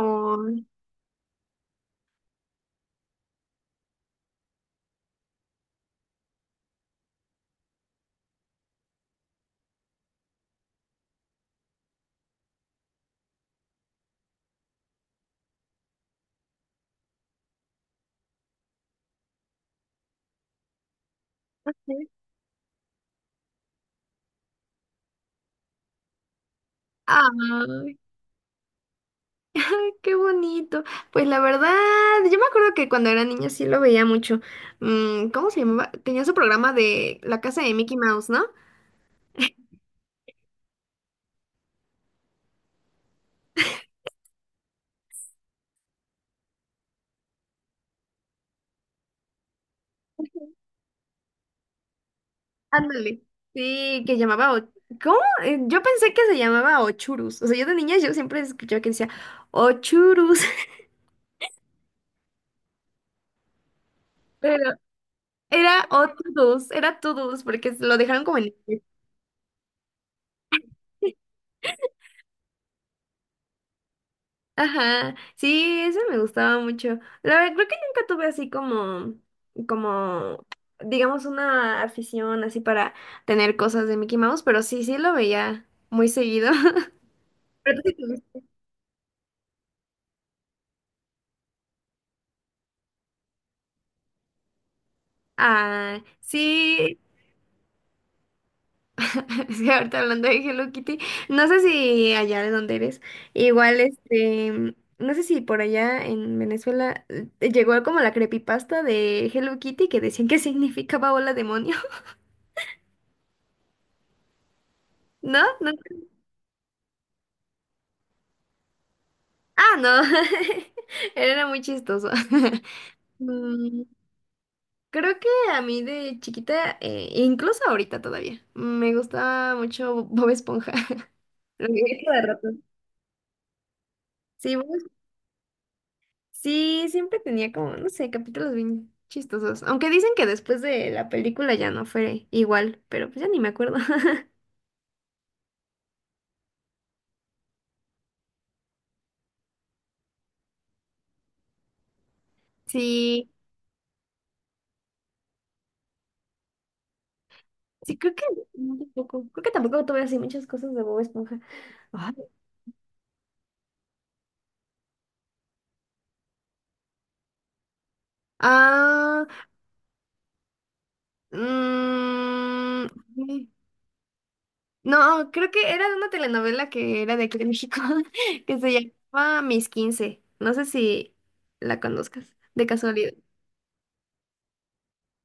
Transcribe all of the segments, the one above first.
Ay, sí. Ay, qué bonito. Pues la verdad, yo me acuerdo que cuando era niña sí lo veía mucho. ¿Cómo se llamaba? Tenía su programa de La casa de Mickey Mouse, ¿no? Ándale. Sí, que llamaba. ¿Cómo? Yo pensé que se llamaba Ochurus. O sea, yo de niña yo siempre escuchaba que decía Ochurus, pero era Otudus, era Tudus, porque lo dejaron como en inglés. Ajá, sí, ese me gustaba mucho. La verdad, creo que nunca tuve así como, digamos, una afición así para tener cosas de Mickey Mouse, pero sí, sí lo veía muy seguido. Pero tú sí tuviste. Ah, sí, sí, ahorita hablando de Hello Kitty, no sé si allá de donde eres, igual este, no sé si por allá en Venezuela llegó como la creepypasta de Hello Kitty que decían que significaba hola demonio, ¿no? Ah, no, era muy chistoso. Mm, Creo que a mí de chiquita, incluso ahorita todavía, me gustaba mucho Bob Esponja. Lo veía cada rato. Sí, sí, siempre tenía como, no sé, capítulos bien chistosos. Aunque dicen que después de la película ya no fue igual, pero pues ya ni me acuerdo. Sí, sí, creo que no, tampoco. Creo que tampoco tuve así muchas cosas de Bob Esponja. Ay. Ah, mm, ok. No, creo que era de una telenovela que era de aquí de México, que se llamaba Mis Quince. No sé si la conozcas, de casualidad.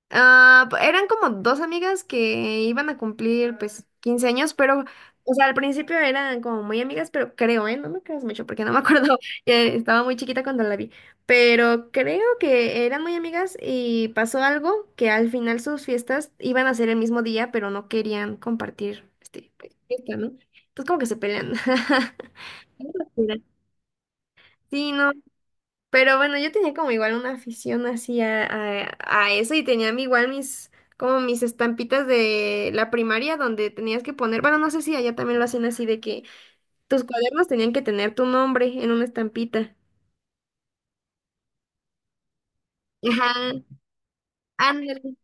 Ah, eran como dos amigas que iban a cumplir pues 15 años, pero, o sea, al principio eran como muy amigas, pero creo, ¿eh? No me creas mucho porque no me acuerdo, ya estaba muy chiquita cuando la vi, pero creo que eran muy amigas y pasó algo que al final sus fiestas iban a ser el mismo día, pero no querían compartir, este, pues, fiesta, ¿no? Entonces como que se pelean. Mira, sí, no. Pero bueno, yo tenía como igual una afición así a eso y tenía como mis estampitas de la primaria donde tenías que poner, bueno, no sé si allá también lo hacen así de que tus cuadernos tenían que tener tu nombre en una estampita. Ajá, ándale.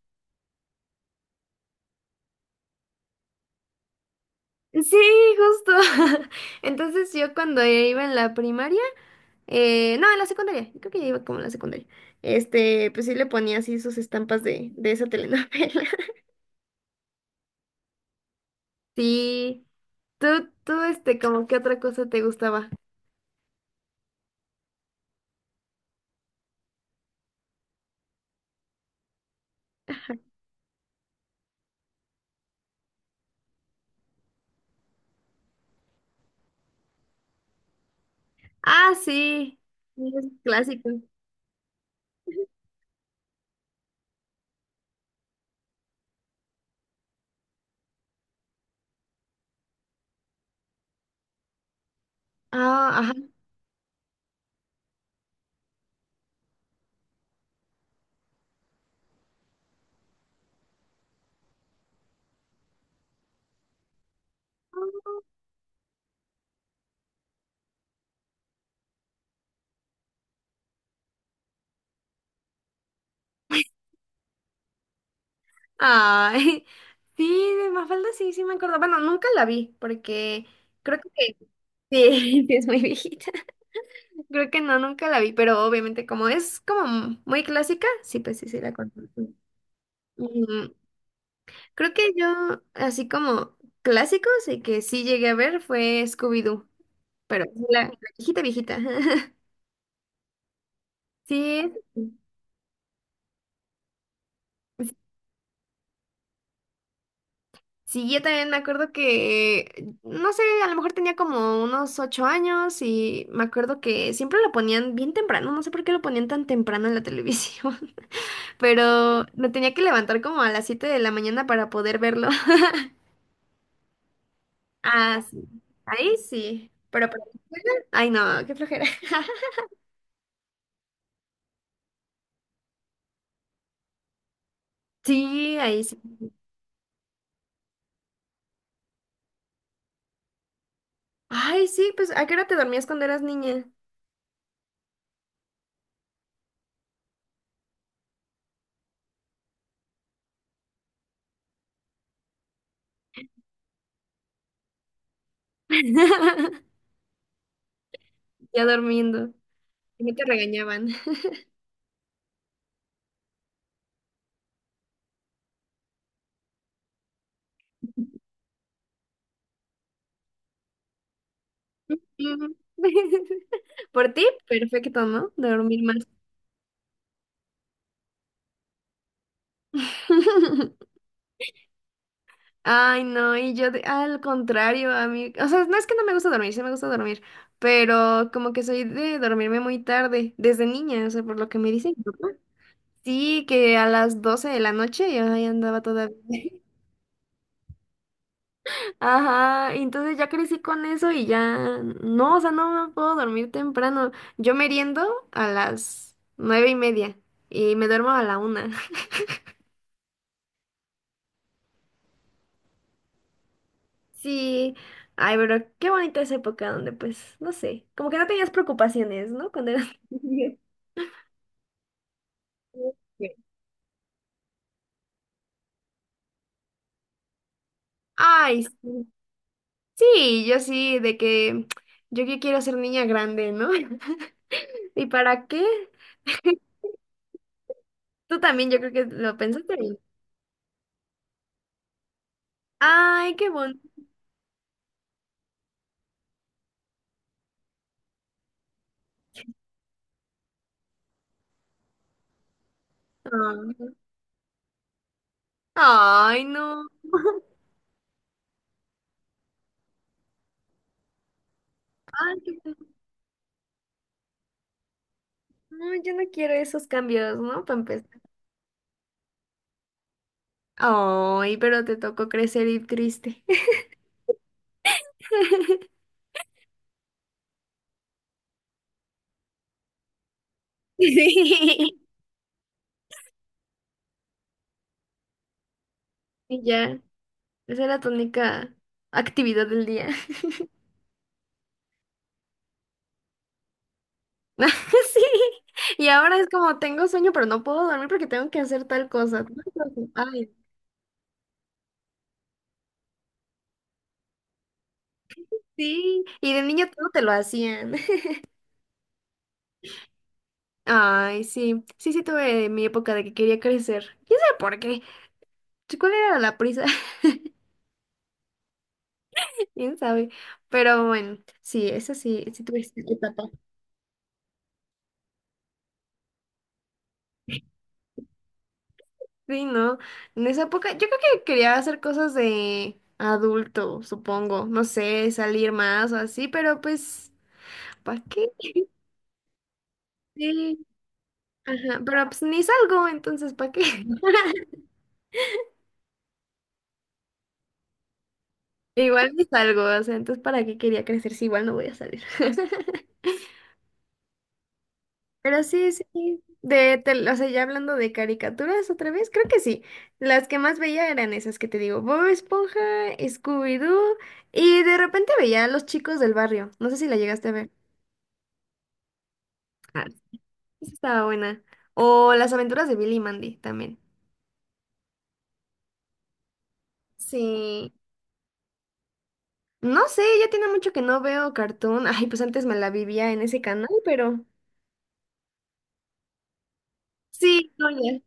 Sí, justo. Entonces yo cuando iba en la primaria, no, en la secundaria, creo que ya iba como en la secundaria, este, pues sí le ponía así sus estampas de esa telenovela. Sí. Tú, tú, este, como que otra cosa te gustaba. Ah, sí. Sí, es clásico. Ah, ajá. Ay, sí, de Mafalda sí, sí me acuerdo. Bueno, nunca la vi, porque creo que sí, sí es muy viejita. Creo que no, nunca la vi, pero obviamente como es como muy clásica, sí, pues sí, sí la conozco. Mm, Creo que yo, así como clásicos y que sí llegué a ver fue Scooby-Doo, pero la viejita, viejita. Sí, sí, yo también me acuerdo que, no sé, a lo mejor tenía como unos 8 años y me acuerdo que siempre lo ponían bien temprano, no sé por qué lo ponían tan temprano en la televisión, pero me tenía que levantar como a las 7 de la mañana para poder verlo. Ah, sí, ahí sí, pero para la escuela, ay no, qué flojera. Sí, ahí sí. Ay, sí, pues ¿a qué hora te dormías cuando eras niña? Ya durmiendo. Y no te regañaban. Mm. Por ti, perfecto, ¿no? Dormir más. Ay, no, y yo al contrario, a mí, o sea, no es que no me gusta dormir, sí me gusta dormir, pero como que soy de dormirme muy tarde, desde niña, o sea, por lo que me dicen. Sí, que a las 12 de la noche yo ahí andaba todavía. Ajá, y entonces ya crecí con eso y ya, no, o sea, no me puedo dormir temprano. Yo meriendo a las 9:30 y me duermo a la 1:00. Sí, ay, pero qué bonita esa época donde pues, no sé, como que no tenías preocupaciones, ¿no? Cuando eras niño. Ay, sí. Sí, yo sí, de que yo que quiero ser niña grande, ¿no? ¿Y para qué? Tú también, yo creo que lo pensaste bien. Ay, qué bonito. Ay, no. Ay, qué bonito. No, yo no quiero esos cambios, ¿no? Para empezar. Ay, pero te tocó crecer y triste. Sí. Y ya. Esa era tu única actividad del día. Sí. Y ahora es como tengo sueño, pero no puedo dormir porque tengo que hacer tal cosa. Ay, sí. Y de niño todo te lo hacían. Ay, sí. Sí, sí tuve mi época de que quería crecer. ¿Quién sabe por qué? ¿Cuál era la prisa? ¿Quién sabe? Pero bueno, sí, esa sí, sí tuve esa etapa. Sí, ¿no? En esa época, yo creo que quería hacer cosas de adulto, supongo, no sé, salir más o así, pero pues, ¿para qué? Sí, ajá, pero pues ni salgo, entonces, ¿para qué? Igual ni salgo, o sea, entonces, ¿para qué quería crecer si igual no voy a salir? Pero sí, sí, sí, o sea, ya hablando de caricaturas otra vez, creo que sí. Las que más veía eran esas que te digo, Bob Esponja, Scooby-Doo, y de repente veía a los chicos del barrio, no sé si la llegaste a ver. Esa estaba buena. O Las aventuras de Billy y Mandy también. Sí. No sé, ya tiene mucho que no veo cartoon. Ay, pues antes me la vivía en ese canal, pero sí, no, ya.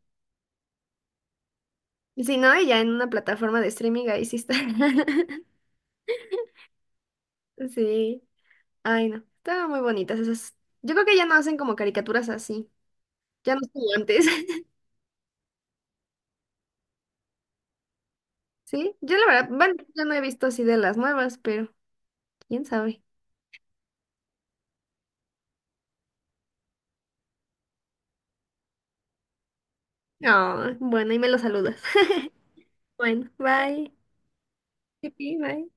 Sí, no, y ya en una plataforma de streaming ahí sí está. Sí. Ay, no. Estaban muy bonitas esas. Yo creo que ya no hacen como caricaturas así. Ya no es como antes. Sí. Yo la verdad, bueno, yo no he visto así de las nuevas, pero quién sabe. No, bueno, y me lo saludas. Bueno, bye. Pipi, Bye.